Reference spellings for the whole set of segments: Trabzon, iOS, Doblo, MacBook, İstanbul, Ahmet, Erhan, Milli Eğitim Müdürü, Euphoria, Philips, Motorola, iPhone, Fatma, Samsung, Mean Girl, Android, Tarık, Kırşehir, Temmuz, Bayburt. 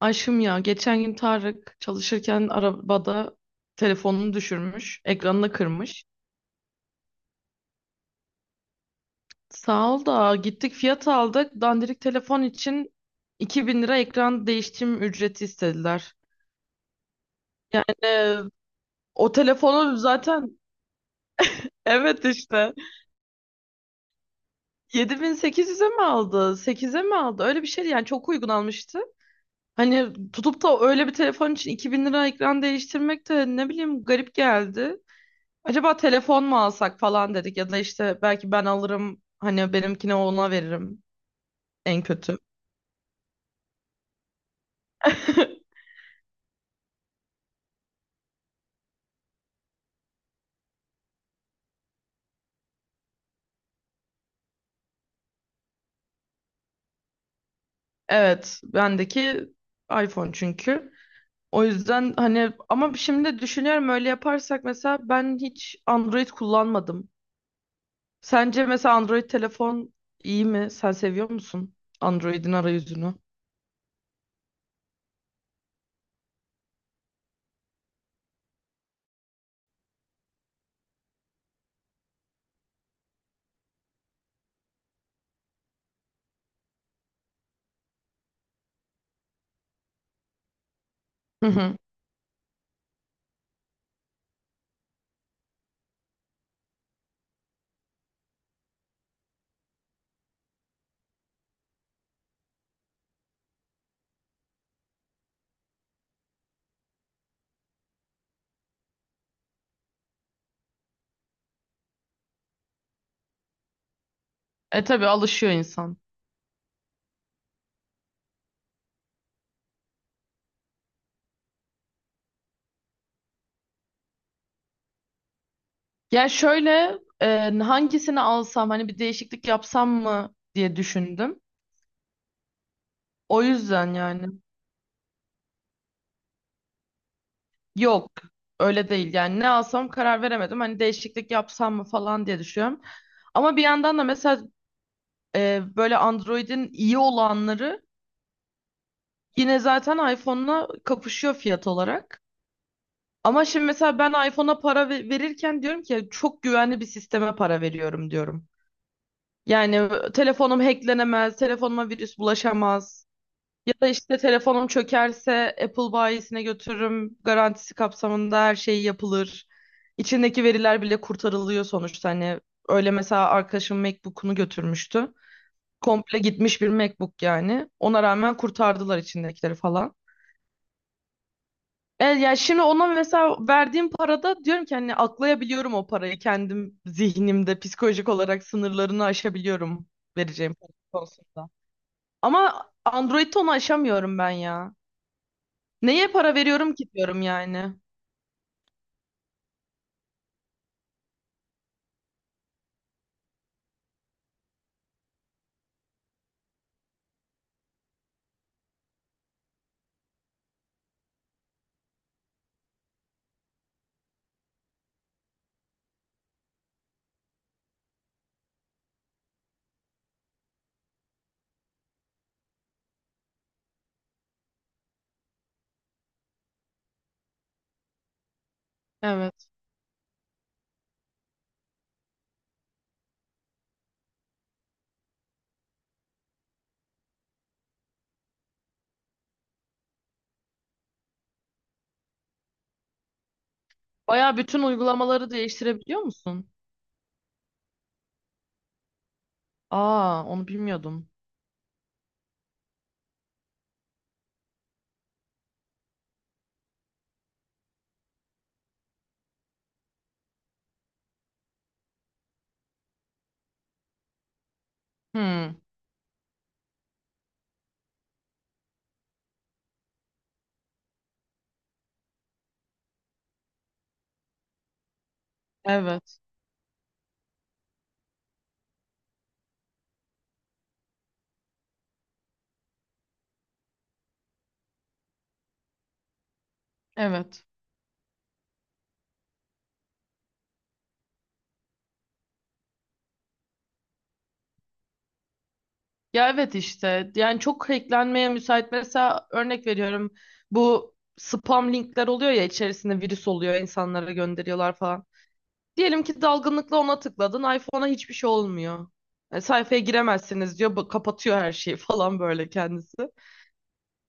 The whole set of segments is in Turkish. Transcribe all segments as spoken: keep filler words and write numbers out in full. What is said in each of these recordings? Aşkım ya geçen gün Tarık çalışırken arabada telefonunu düşürmüş, ekranını kırmış. Sağ ol da gittik fiyat aldık. Dandirik telefon için iki bin lira ekran değiştirme ücreti istediler. Yani e, o telefonu zaten evet işte yedi bin sekiz yüze mi aldı? sekize mi aldı? Öyle bir şeydi yani çok uygun almıştı. Hani tutup da öyle bir telefon için iki bin lira ekran değiştirmek de ne bileyim garip geldi. Acaba telefon mu alsak falan dedik ya da işte belki ben alırım hani benimkini ona veririm en kötü. Evet, bendeki iPhone çünkü. O yüzden hani ama şimdi düşünüyorum öyle yaparsak mesela ben hiç Android kullanmadım. Sence mesela Android telefon iyi mi? Sen seviyor musun Android'in arayüzünü? Hı hı. E tabii alışıyor insan. Ya şöyle e, hangisini alsam hani bir değişiklik yapsam mı diye düşündüm. O yüzden yani. Yok öyle değil yani ne alsam karar veremedim hani değişiklik yapsam mı falan diye düşünüyorum. Ama bir yandan da mesela e, böyle Android'in iyi olanları yine zaten iPhone'la kapışıyor fiyat olarak. Ama şimdi mesela ben iPhone'a para ve- verirken diyorum ki çok güvenli bir sisteme para veriyorum diyorum. Yani e, telefonum hacklenemez, telefonuma virüs bulaşamaz. Ya da işte telefonum çökerse Apple bayisine götürürüm. Garantisi kapsamında her şey yapılır. İçindeki veriler bile kurtarılıyor sonuçta. Hani öyle mesela arkadaşım MacBook'unu götürmüştü. Komple gitmiş bir MacBook yani. Ona rağmen kurtardılar içindekileri falan. E, yani şimdi ona mesela verdiğim parada diyorum ki hani aklayabiliyorum o parayı. Kendim zihnimde psikolojik olarak sınırlarını aşabiliyorum vereceğim para konusunda. Ama Android'de onu aşamıyorum ben ya. Neye para veriyorum ki diyorum yani. Evet. Baya bütün uygulamaları değiştirebiliyor musun? Aa, onu bilmiyordum. Hmm. Evet. Evet. Ya evet işte. Yani çok hacklenmeye müsait. Mesela örnek veriyorum. Bu spam linkler oluyor ya içerisinde virüs oluyor. İnsanlara gönderiyorlar falan. Diyelim ki dalgınlıkla ona tıkladın. iPhone'a hiçbir şey olmuyor. E, sayfaya giremezsiniz diyor. bu- Kapatıyor her şeyi falan böyle kendisi.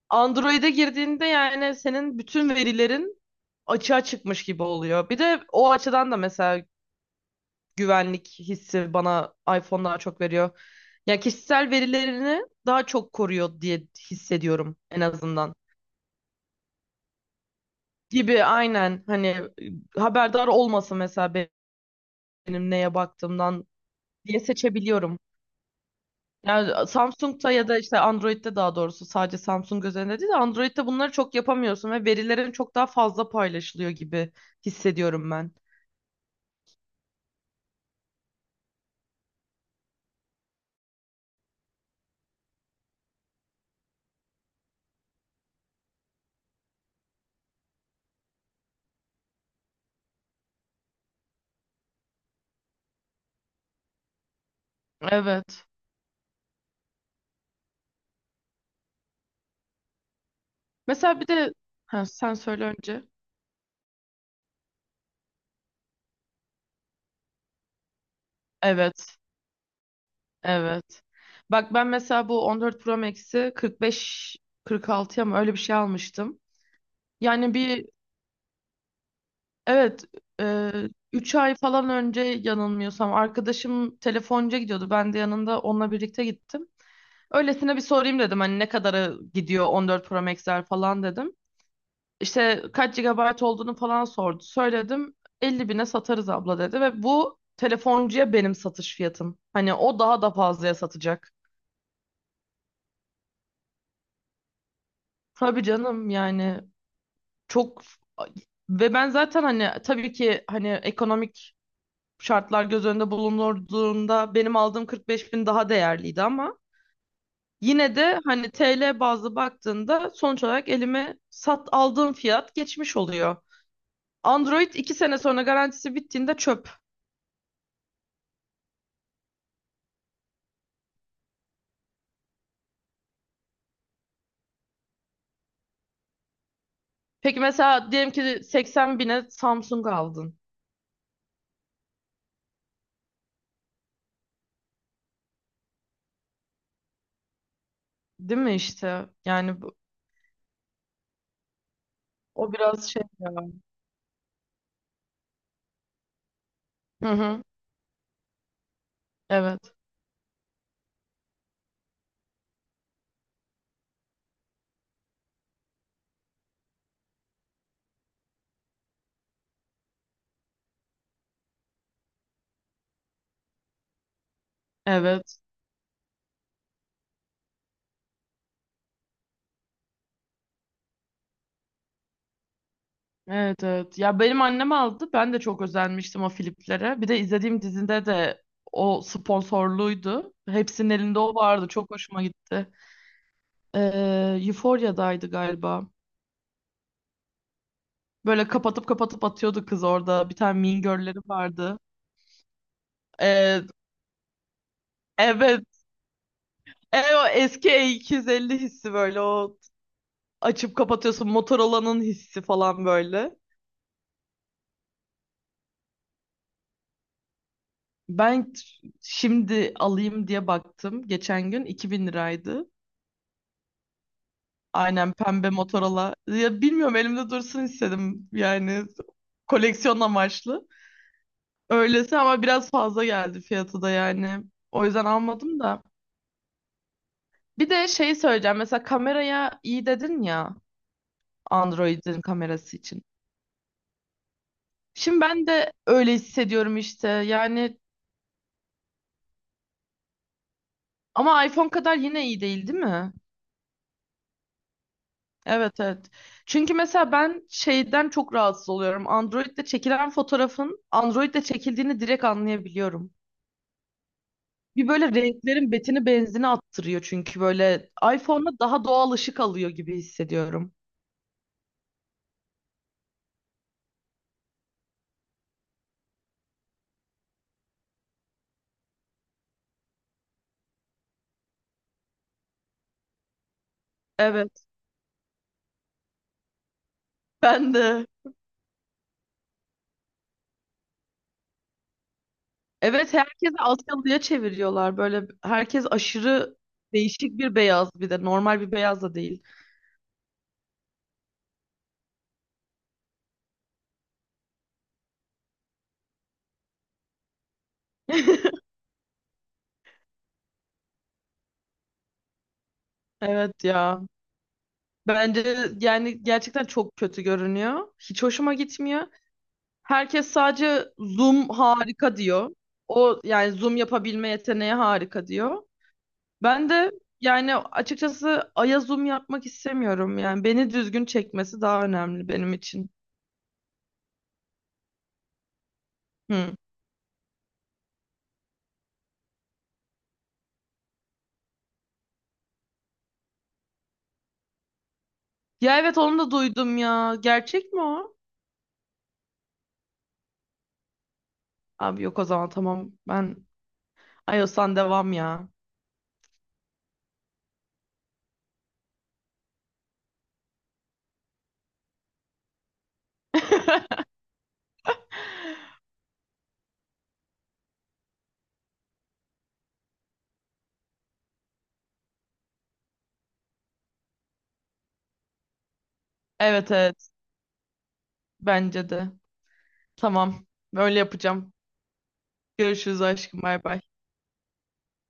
Android'e girdiğinde yani senin bütün verilerin açığa çıkmış gibi oluyor. Bir de o açıdan da mesela güvenlik hissi bana iPhone daha çok veriyor. Ya kişisel verilerini daha çok koruyor diye hissediyorum en azından. Gibi aynen hani e, haberdar olmasın mesela benim neye baktığımdan diye seçebiliyorum. Yani Samsung'da ya da işte Android'de daha doğrusu sadece Samsung özelinde değil de Android'de bunları çok yapamıyorsun ve verilerin çok daha fazla paylaşılıyor gibi hissediyorum ben. Evet. Mesela bir de ha, sen söyle önce. Evet, evet. Bak ben mesela bu on dört Pro Max'i kırk beş kırk altıya mı öyle bir şey almıştım. Yani bir evet e, üç ay falan önce yanılmıyorsam arkadaşım telefoncuya gidiyordu. Ben de yanında onunla birlikte gittim. Öylesine bir sorayım dedim hani ne kadara gidiyor on dört Pro Max'ler falan dedim. İşte kaç gigabayt olduğunu falan sordu. Söyledim elli bine satarız abla dedi ve bu telefoncuya benim satış fiyatım. Hani o daha da fazlaya satacak. Tabii canım yani çok ve ben zaten hani tabii ki hani ekonomik şartlar göz önünde bulunduğunda benim aldığım kırk beş bin daha değerliydi ama yine de hani T L bazlı baktığında sonuç olarak elime sat aldığım fiyat geçmiş oluyor. Android iki sene sonra garantisi bittiğinde çöp. Peki mesela diyelim ki seksen bine Samsung aldın. Değil mi işte? Yani bu- o biraz şey ya. Hı hı. Evet. Evet. Evet evet. Ya benim annem aldı. Ben de çok özenmiştim o Philips'lere. Bir de izlediğim dizinde de o sponsorluydu. Hepsinin elinde o vardı. Çok hoşuma gitti. Ee, Euphoria'daydı galiba. Böyle kapatıp kapatıp atıyordu kız orada. Bir tane Mean Girl'leri vardı. Ee, evet. E, o eski E iki yüz elli hissi böyle o açıp kapatıyorsun Motorola'nın hissi falan böyle. Ben t- şimdi alayım diye baktım. Geçen gün iki bin liraydı. Aynen pembe Motorola. Ya bilmiyorum elimde dursun istedim. Yani koleksiyon amaçlı. Öylesi ama biraz fazla geldi fiyatı da yani. O yüzden almadım da. Bir de şey söyleyeceğim. Mesela kameraya iyi dedin ya Android'in kamerası için. Şimdi ben de öyle hissediyorum işte. Yani ama iPhone kadar yine iyi değil, değil mi? Evet evet. Çünkü mesela ben şeyden çok rahatsız oluyorum. Android'de çekilen fotoğrafın Android'de çekildiğini direkt anlayabiliyorum. Bir böyle renklerin betini benzini attırıyor çünkü böyle iPhone'da daha doğal ışık alıyor gibi hissediyorum. Evet, ben de. Evet, herkesi Asyalı'ya çeviriyorlar. Böyle herkes aşırı değişik bir beyaz bir de normal bir beyaz da değil. Evet ya. Bence yani gerçekten çok kötü görünüyor. Hiç hoşuma gitmiyor. Herkes sadece Zoom harika diyor. O yani Zoom yapabilme yeteneği harika diyor. Ben de yani açıkçası Aya Zoom yapmak istemiyorum yani. Beni düzgün çekmesi daha önemli benim için. Hı. Ya evet onu da duydum ya. Gerçek mi o? Abi yok o zaman tamam. Ben iOS'tan devam ya. Evet evet bence de. Tamam. Böyle yapacağım. Görüşürüz aşkım. Bay bay.